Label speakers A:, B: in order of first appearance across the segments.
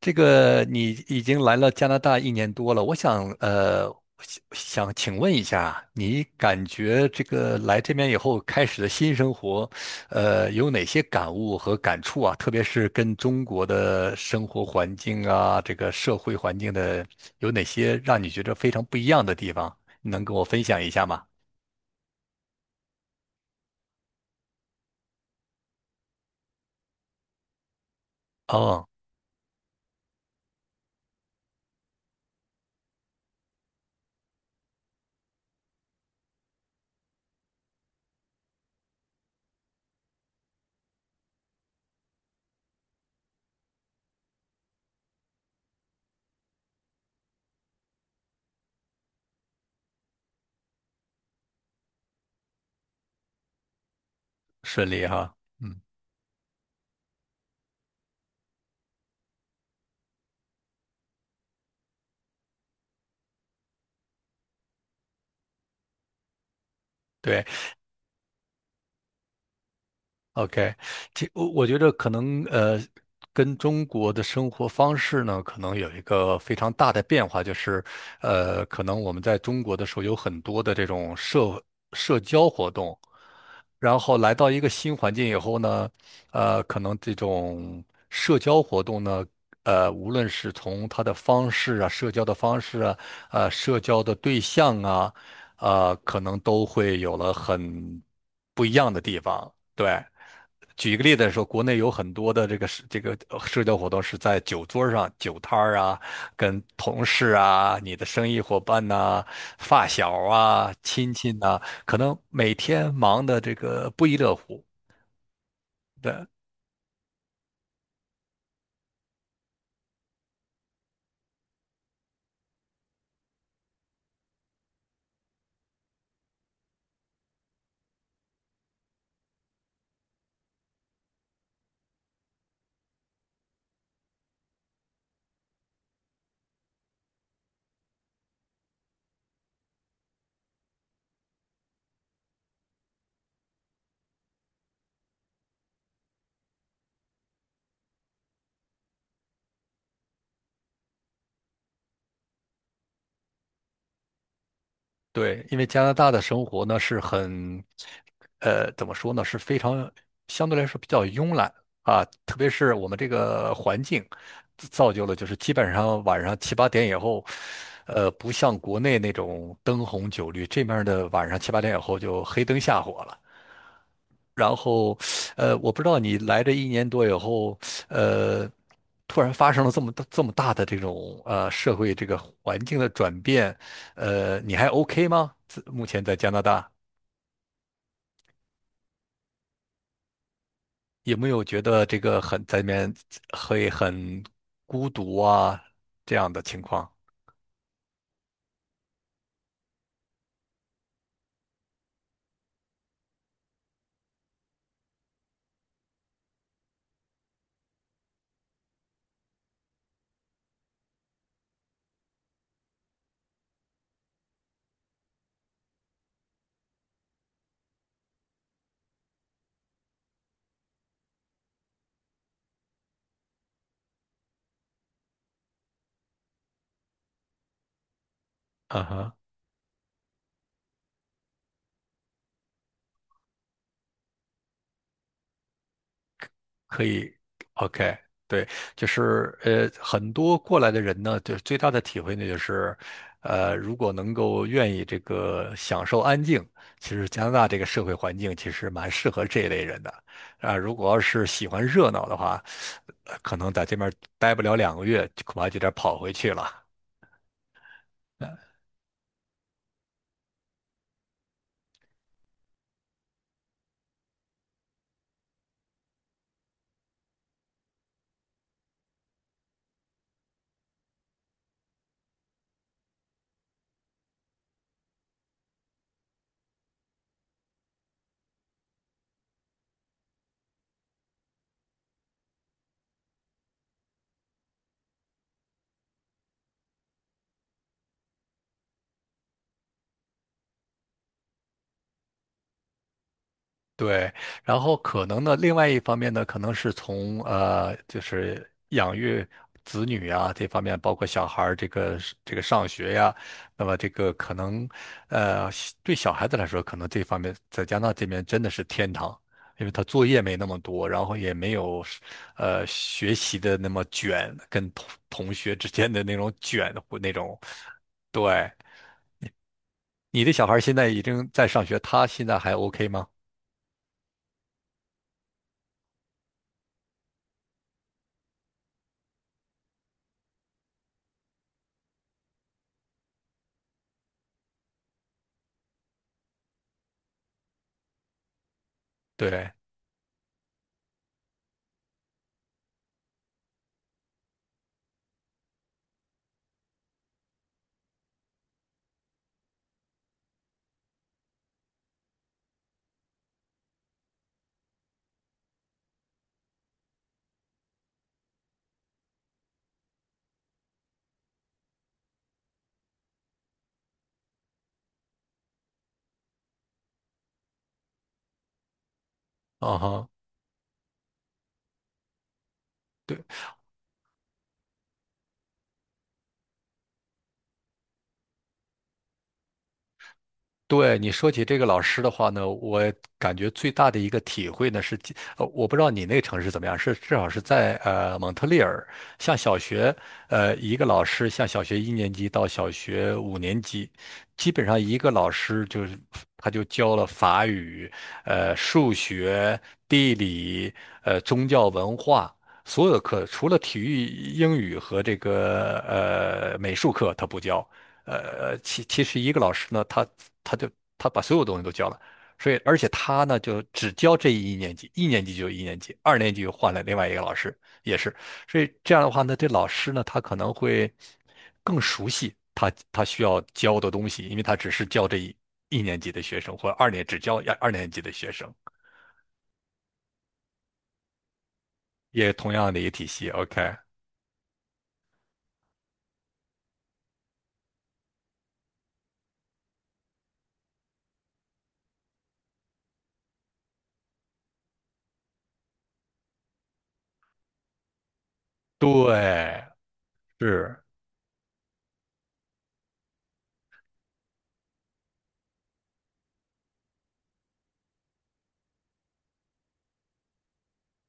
A: 这个你已经来了加拿大一年多了，我想想想请问一下，你感觉这个来这边以后开始的新生活，有哪些感悟和感触啊？特别是跟中国的生活环境啊，这个社会环境的，有哪些让你觉得非常不一样的地方？能跟我分享一下吗？哦，顺利哈，嗯，对。OK，这我觉得可能跟中国的生活方式呢，可能有一个非常大的变化，就是可能我们在中国的时候有很多的这种社交活动，然后来到一个新环境以后呢，可能这种社交活动呢，无论是从它的方式啊，社交的方式啊，社交的对象啊，可能都会有了很不一样的地方，对。举一个例子来说，国内有很多的这个社交活动是在酒桌上、酒摊儿啊，跟同事啊、你的生意伙伴呐、发小啊、亲戚呐、可能每天忙的这个不亦乐乎。对，对，因为加拿大的生活呢是很，怎么说呢，是非常相对来说比较慵懒啊，特别是我们这个环境自造就了，就是基本上晚上七八点以后，不像国内那种灯红酒绿，这面儿的晚上七八点以后就黑灯瞎火了。然后，我不知道你来这一年多以后，呃，突然发生了这么大这么大的这种社会这个环境的转变，你还 OK 吗？自目前在加拿大有没有觉得这个很在里面会很孤独啊这样的情况？啊哈。可以，OK，对，就是很多过来的人呢，就是最大的体会呢，就是，如果能够愿意这个享受安静，其实加拿大这个社会环境其实蛮适合这一类人的，啊、如果要是喜欢热闹的话，可能在这边待不了两个月，就恐怕就得跑回去了。对，然后可能呢，另外一方面呢，可能是从就是养育子女啊这方面，包括小孩儿这个是这个上学呀，那么这个可能对小孩子来说，可能这方面在加拿大这边真的是天堂，因为他作业没那么多，然后也没有是学习的那么卷，跟同学之间的那种卷或那种。对，你的小孩儿现在已经在上学，他现在还 OK 吗？对，嗯哼。对你说起这个老师的话呢，我感觉最大的一个体会呢是，我不知道你那个城市怎么样，是至少是在蒙特利尔，像小学，一个老师像小学一年级到小学五年级，基本上一个老师就是他就教了法语、数学、地理、宗教文化。所有的课除了体育、英语和这个美术课，他不教，呃，其实一个老师呢，他就他把所有东西都教了，所以而且他呢就只教这一年级，一年级就一年级，二年级又换了另外一个老师，也是，所以这样的话呢，这老师呢他可能会更熟悉他需要教的东西，因为他只是教这一年级的学生，或者只教二年级的学生，也同样的一个体系。OK，对，是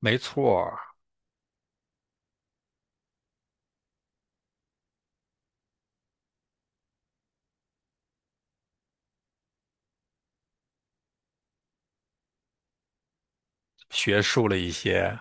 A: 没错儿学术了一些。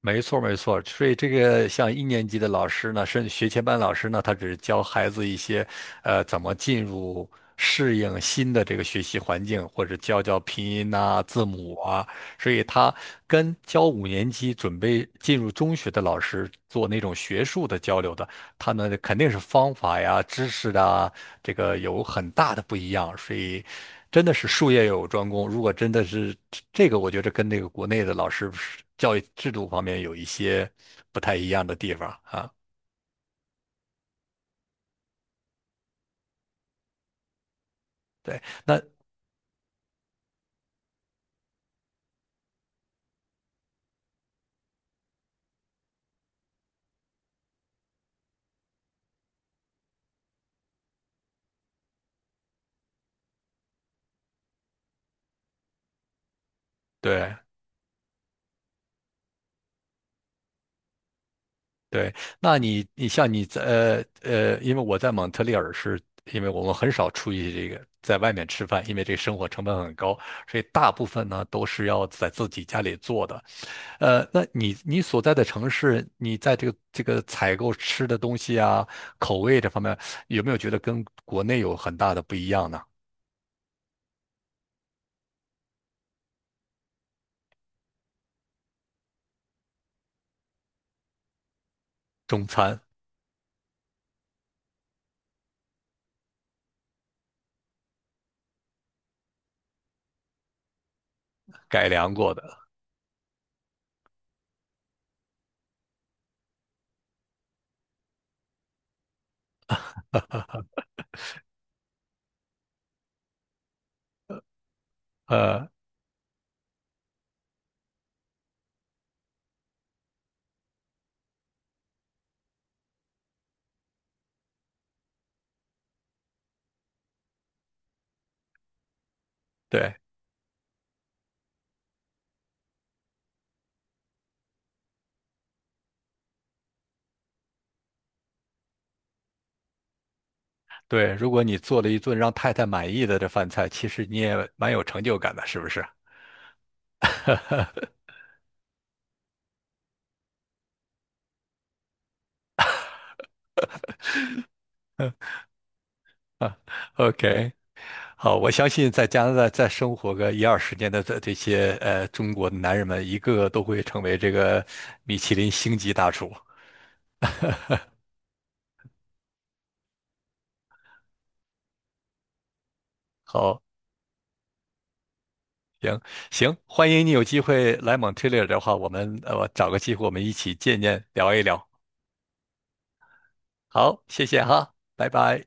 A: 没错，没错。所以这个像一年级的老师呢，甚至学前班老师呢，他只是教孩子一些，怎么进入适应新的这个学习环境，或者教教拼音呐、字母啊。所以他跟教五年级准备进入中学的老师做那种学术的交流的，他们肯定是方法呀、知识啊，这个有很大的不一样，所以真的是术业有专攻。如果真的是这个，我觉得跟那个国内的老师教育制度方面有一些不太一样的地方啊。对，那对对，那你像你在因为我在蒙特利尔是，因为我们很少出去这个在外面吃饭，因为这个生活成本很高，所以大部分呢都是要在自己家里做的。那你所在的城市，你在这个采购吃的东西啊，口味这方面，有没有觉得跟国内有很大的不一样呢？中餐改良过的，呃，对对，如果你做了一顿让太太满意的这饭菜，其实你也蛮有成就感的，是不是？OK，好，我相信在加拿大再生活个一二十年的这些中国的男人们，一个个都会成为这个米其林星级大厨。好。行行，欢迎你有机会来蒙特利尔的话，我们找个机会我们一起见见聊一聊。好，谢谢哈，拜拜。